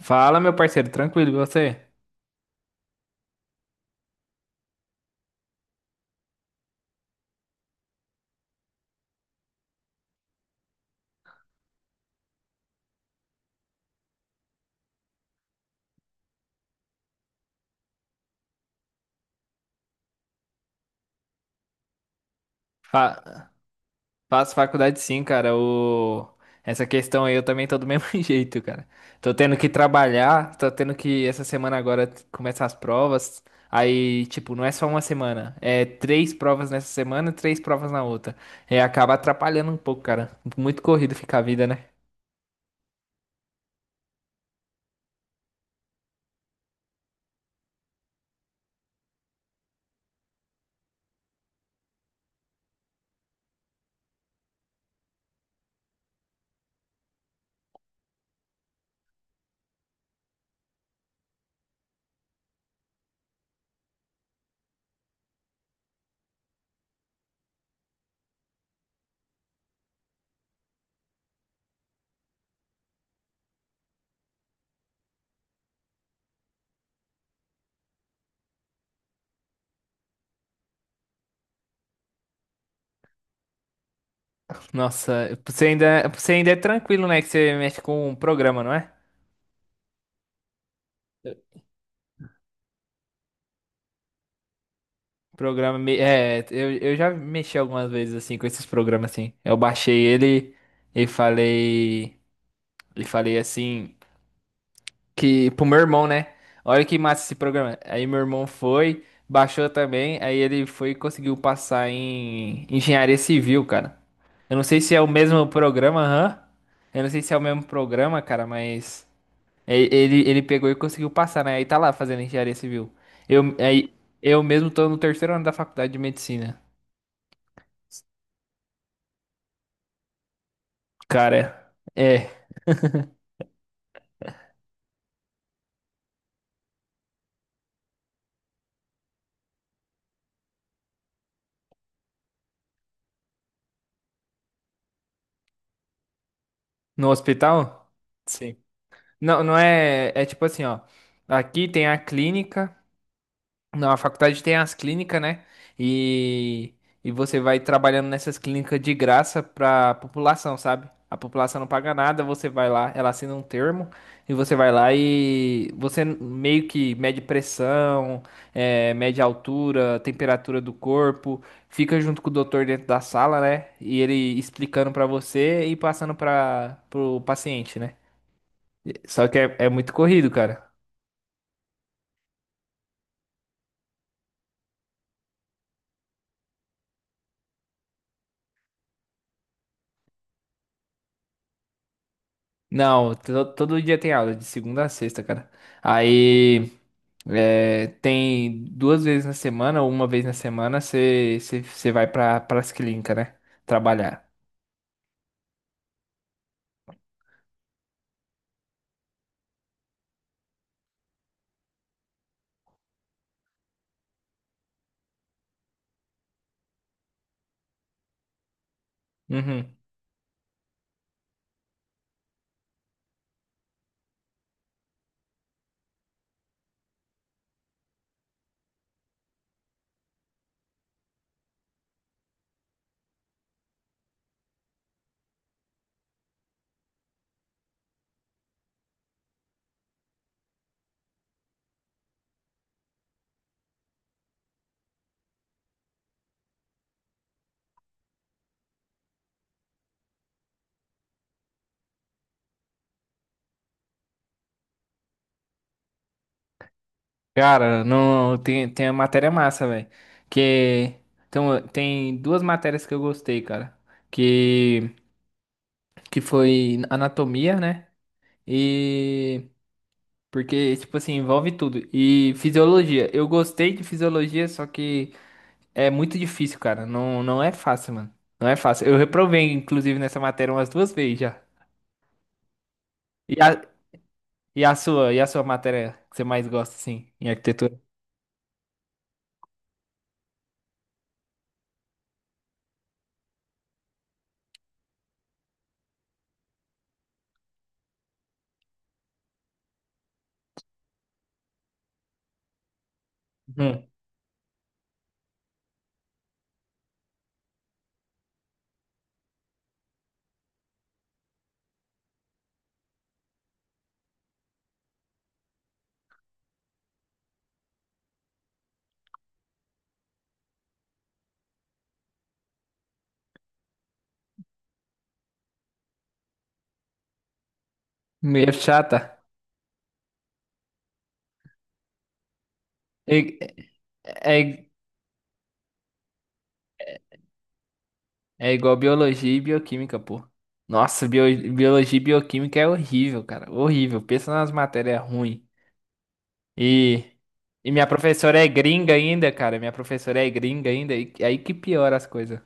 Fala, meu parceiro, tranquilo, e você? Fa- Faço faculdade sim, cara. Essa questão aí eu também tô do mesmo jeito, cara. Tô tendo que trabalhar, tô tendo que essa semana agora começar as provas. Aí, tipo, não é só uma semana, é três provas nessa semana, e três provas na outra. É, acaba atrapalhando um pouco, cara. Muito corrido fica a vida, né? Nossa, você ainda é tranquilo, né? Que você mexe com um programa, não é? Programa. É, eu já mexi algumas vezes assim com esses programas assim. Eu baixei ele e falei. E falei assim. Que pro meu irmão, né? Olha que massa esse programa. Aí meu irmão foi, baixou também. Aí ele foi e conseguiu passar em engenharia civil, cara. Eu não sei se é o mesmo programa, hã? Eu não sei se é o mesmo programa, cara, mas. Ele pegou e conseguiu passar, né? Aí tá lá fazendo engenharia civil. Eu, aí, eu mesmo tô no terceiro ano da faculdade de medicina. Cara, No hospital? Sim. Não, não é. É tipo assim, ó. Aqui tem a clínica. Não, a faculdade tem as clínicas, né? E, e você vai trabalhando nessas clínicas de graça pra população, sabe? A população não paga nada, você vai lá, ela assina um termo e você vai lá e você meio que mede pressão, mede altura, temperatura do corpo, fica junto com o doutor dentro da sala, né? E ele explicando pra você e passando para pro paciente, né? Só que é muito corrido, cara. Não, todo dia tem aula, de segunda a sexta, cara. Aí tem duas vezes na semana, ou uma vez na semana, você vai pras clínicas, né? Trabalhar. Uhum. Cara, não, tem a matéria massa, velho. Que então, tem duas matérias que eu gostei, cara. Que, que foi anatomia, né? E. Porque, tipo assim, envolve tudo. E fisiologia. Eu gostei de fisiologia, só que. É muito difícil, cara. Não, não é fácil, mano. Não é fácil. Eu reprovei, inclusive, nessa matéria umas duas vezes já. E a, e a sua matéria que você mais gosta, assim, em arquitetura? Hum, meio chata. É, é, é igual biologia e bioquímica, pô. Nossa, biologia e bioquímica é horrível, cara. Horrível. Pensa nas matérias ruins. E, e minha professora é gringa ainda, cara. Minha professora é gringa ainda. E aí que piora as coisas.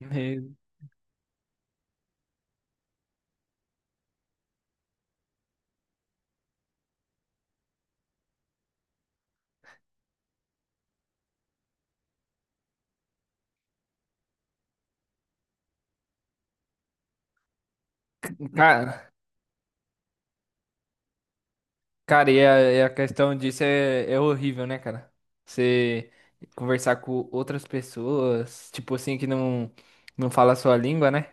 Meu- Cara. Cara, e a questão disso é, é horrível, né, cara? Você conversar com outras pessoas, tipo assim, que não fala a sua língua, né?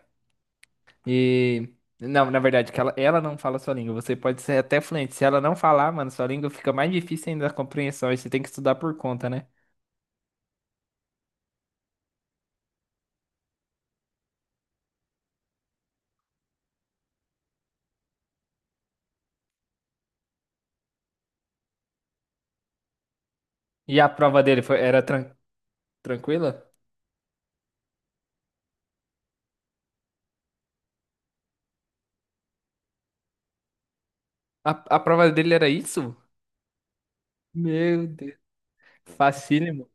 E. Não, na verdade, que ela não fala a sua língua. Você pode ser até fluente. Se ela não falar, mano, sua língua fica mais difícil ainda a compreensão. E você tem que estudar por conta, né? E a prova dele foi, era tranquila? A, a prova dele era isso? Meu Deus. Facílimo.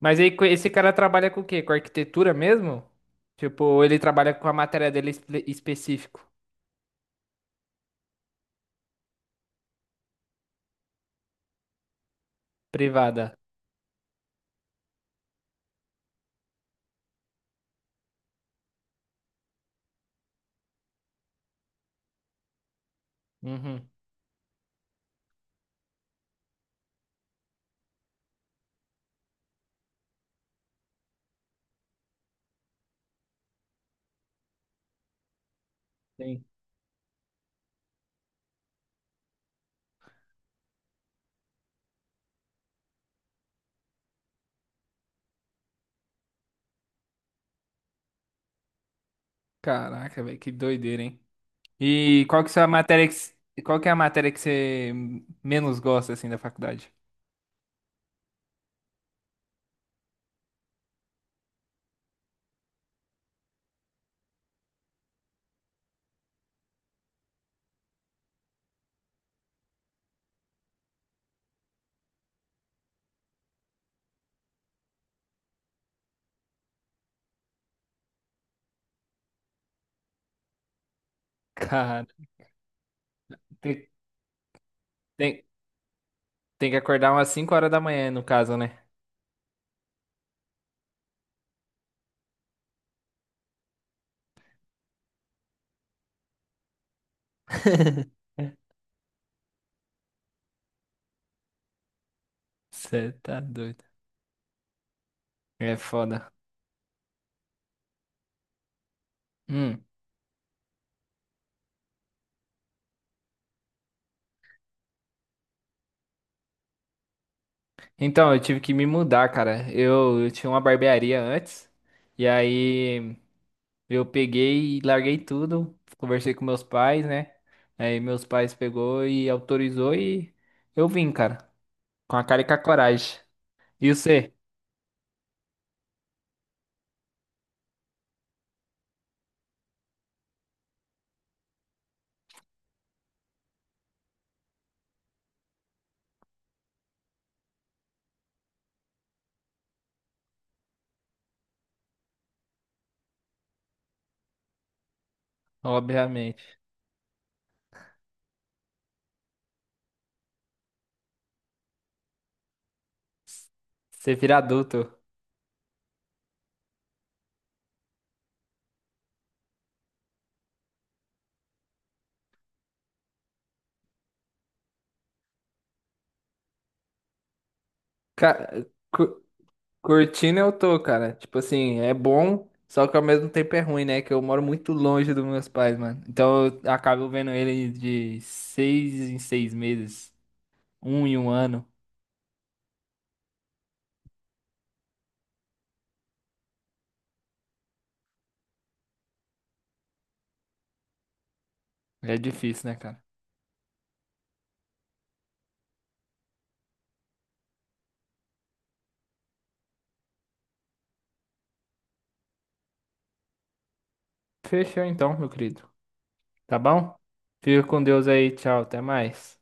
Mas aí esse cara trabalha com o quê? Com arquitetura mesmo? Tipo, ele trabalha com a matéria dele específico, privada. Uhum. Sim. Caraca, velho, que doideira, hein? E qual que é a matéria que, qual que é a matéria que você menos gosta assim da faculdade? Cara, tem, tem, tem que acordar umas 5h da manhã, no caso, né? Você tá doido. É foda. Hum. Então, eu tive que me mudar, cara. Eu tinha uma barbearia antes. E aí. Eu peguei e larguei tudo, conversei com meus pais, né? Aí meus pais pegou e autorizou e eu vim, cara, com a cara e com a coragem. E você? Obviamente. Você vira adulto. Cara, cu- curtindo eu tô, cara. Tipo assim, é bom, só que ao mesmo tempo é ruim, né? Que eu moro muito longe dos meus pais, mano. Então eu acabo vendo ele de seis em seis meses, um em um ano. É difícil, né, cara? Fechou então, meu querido. Tá bom? Fica com Deus aí. Tchau. Até mais.